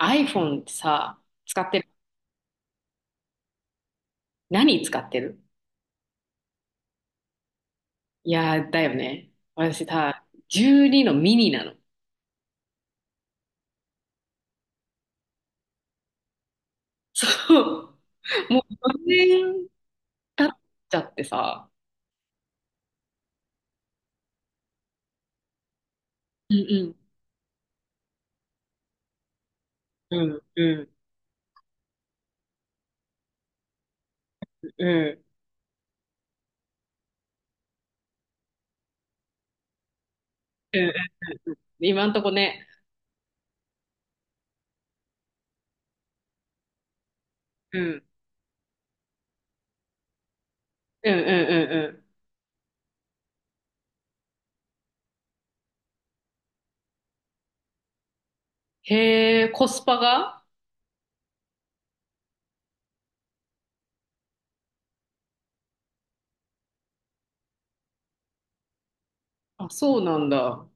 iPhone ってさ、使ってる？何使ってる？いやー、だよね。私さ、12のミニなの。そう。もう4年経っちゃってさ。うんうん。うんうんうん。うん、今んとこね。うん。うんうんうんうん。へえ、コスパが。あ、そうなんだ。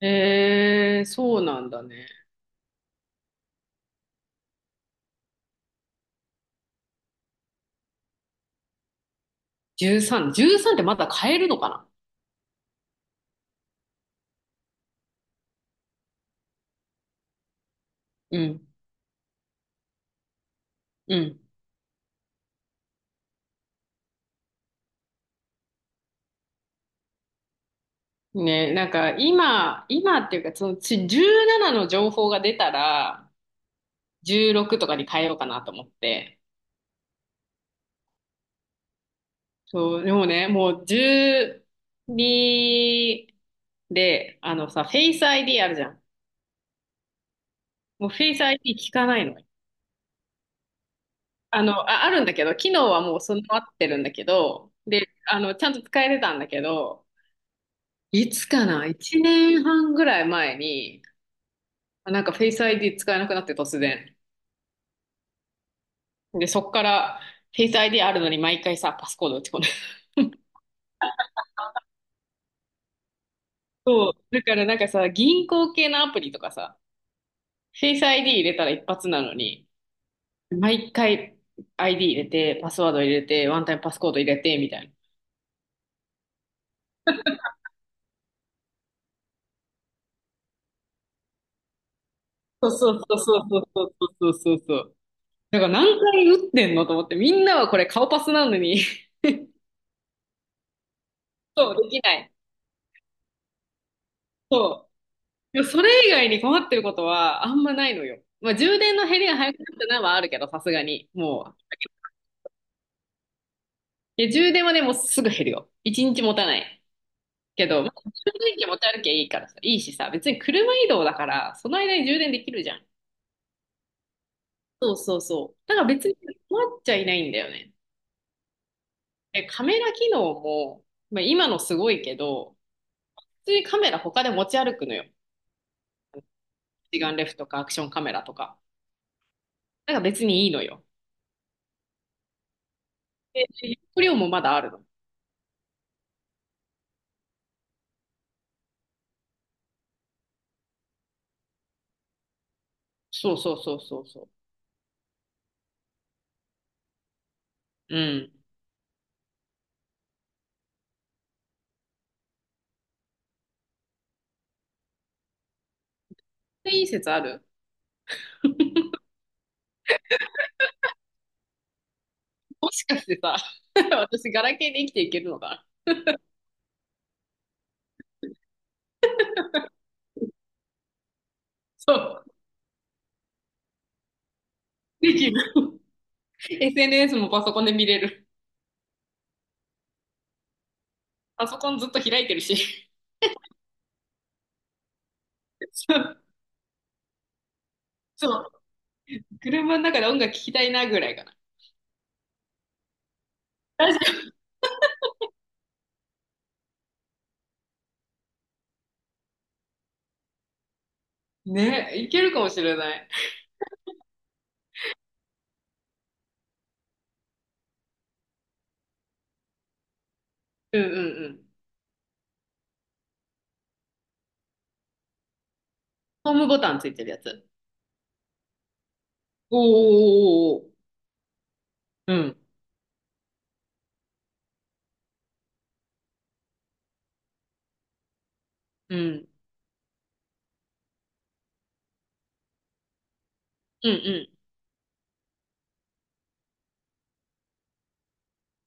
へえ、そうなんだね。13、13ってまだ買えるのかな？うん。うん。ね、なんか今っていうか、そのち17の情報が出たら、16とかに変えようかなと思って。そう、でもね、もう12で、あのさ、フェイス ID あるじゃん。もうフェイス ID 聞かないの。あ、あるんだけど、機能はもう備わってるんだけど、で、あの、ちゃんと使えてたんだけど、いつかな？ 1 年半ぐらい前に、あ、なんかフェイス ID 使えなくなって突然。で、そっから、フェイス ID あるのに毎回さ、パスコード打ち込んで。そう。だからなんかさ、銀行系のアプリとかさ、フェイス ID 入れたら一発なのに、毎回 ID 入れて、パスワード入れて、ワンタイムパスコード入れて、みたいな。そうそうそうそうそうそうそうそう。だから何回打ってんのと思って、みんなはこれ顔パスなのに。 そう、できない。そう。でもそれ以外に困ってることはあんまないのよ。まあ、充電の減りが早くなったのはあるけど、さすがに。もう。いや、充電はね、もうすぐ減るよ。一日持たない。けど、まあ充電器持ち歩きゃいいからさ、いいしさ、別に車移動だから、その間に充電できるじゃん。そうそうそう。だから別に困っちゃいないんだよね。え、カメラ機能も、まあ、今のすごいけど、普通にカメラ他で持ち歩くのよ。一眼レフとかアクションカメラとか。だから別にいいのよ。で、容量もまだあるの。そうそうそうそうそう。うん。で、いい説ある？もしかしてさ、私ガラケーで生きていけるのかな？そう。できる。SNS もパソコンで見れる。パソコンずっと開いてるし。そうそう。車の中で音楽聴きたいなぐらいかな。ね、いけるかもしれない。うんうんうん。ホームボタンついてるやつ。おーおーおーおー。うん。うん。うんうん。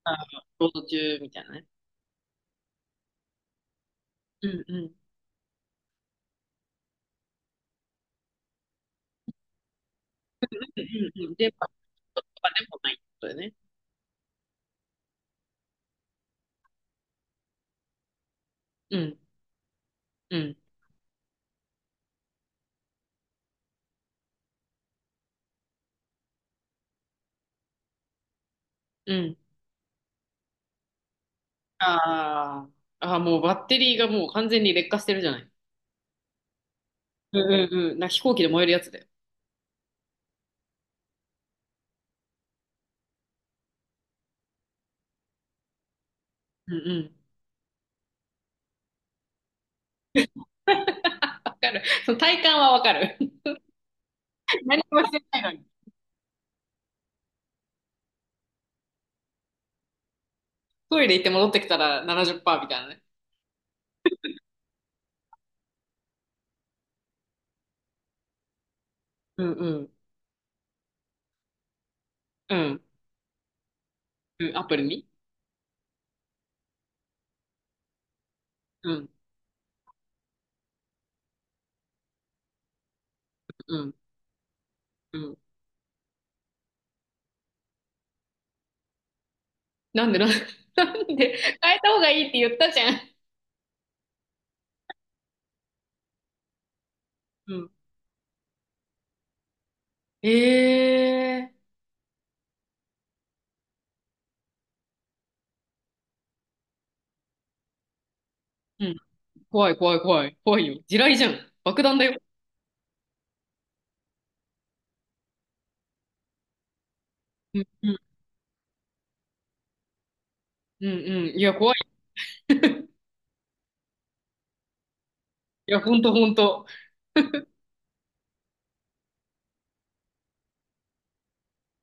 あの、ロード中みたいなね。うんうん。うんうんうん。電波とかでもないってことだよね。うん。うん。うん。ああ。ああ、もうバッテリーがもう完全に劣化してるじゃない。うんうんうん。飛行機で燃えるやつだよ。うんうん。わかる。その体感はわかる。何もしてないのに。トイレ行って戻ってきたら70%みたいなね。うんうん。うん。うん、アプリに。うん。うん。うん。なんでなんで、なんで変えた方がいいって言ったじゃん。うん。ええ、うん。怖い怖い怖い。怖いよ。地雷じゃん。爆弾だよ。うん。うん。うんうん。いや、怖い。いや、ほんとほんと。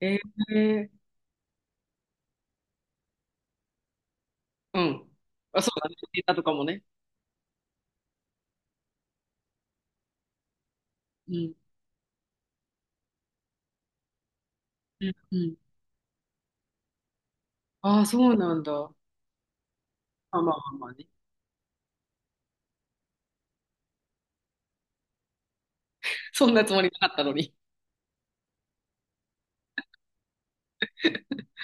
ええ、うん。あ、そうだね。データとかもね。うん。うん。うん。ああ、そうなんだ。まあまあまあまあね。そんなつもりなかったのに。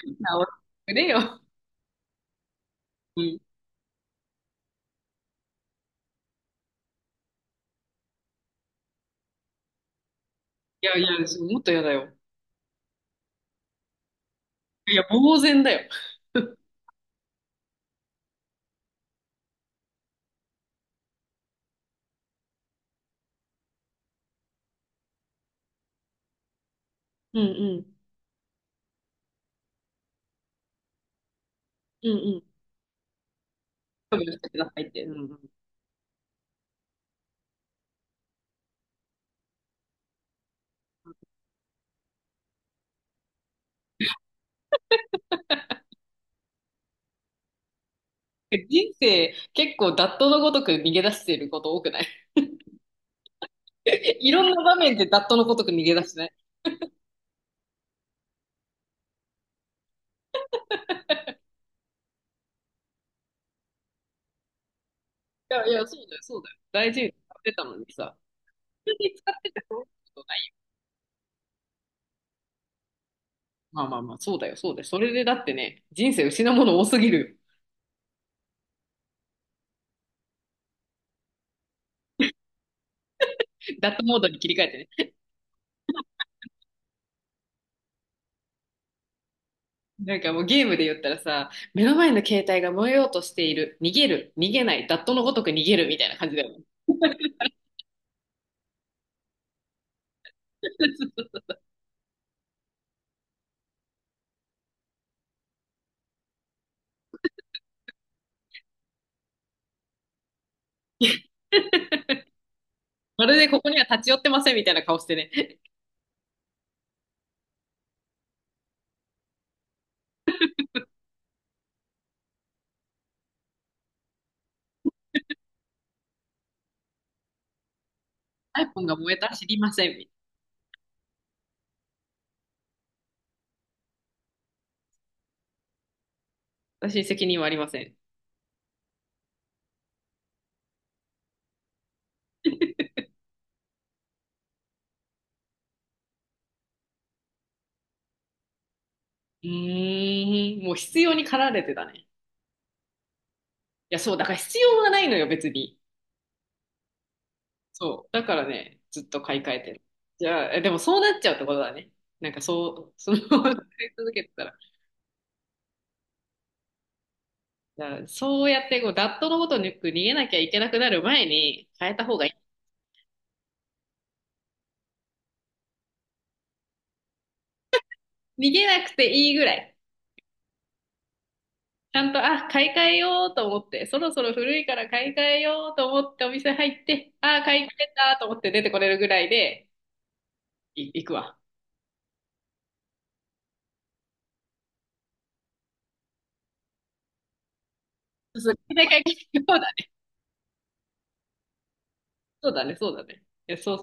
直してくれよ。うん。いやいや、もっと嫌だよ。いや、呆然だよ。うんうん。うんうん。処分してくださいって。うんうん。人生、結構、ダットのごとく逃げ出してること多くない？ いろんな場面でダットのごとく逃げ出してない？いやいや、そうだよ、そうだよ。大事に使ってたのにさ。普通に使っててそういうことない。まあまあまあ、そうだよ、そうだよ。それでだってね、人生失うもの多すぎる。ダットモードに切り替えてね。なんかもうゲームで言ったらさ、目の前の携帯が燃えようとしている、逃げる、逃げない、ダットのごとく逃げるみたいな感じだよね。まるでここには立ち寄ってませんみたいな顔してね、iPhone が燃えたら知りません。私に責任はありません。うーん、もう必要に駆られてたね。いや、そう、だから必要はないのよ、別に。そう。だからね、ずっと買い替えてる。じゃあ、え、でもそうなっちゃうってことだね。なんかそう、そのまま 使い続けてたら。じゃあそうやってこう、ダットのごとく逃げなきゃいけなくなる前に変えた方が。逃げなくていいぐらい。ちゃんと、あ、買い替えようと思って、そろそろ古いから買い替えようと思ってお店入って、あ、買い替えたと思って出てこれるぐらいで、行くわ。そうそう、買い替えそうだね、そうだね、そうだね。いやそう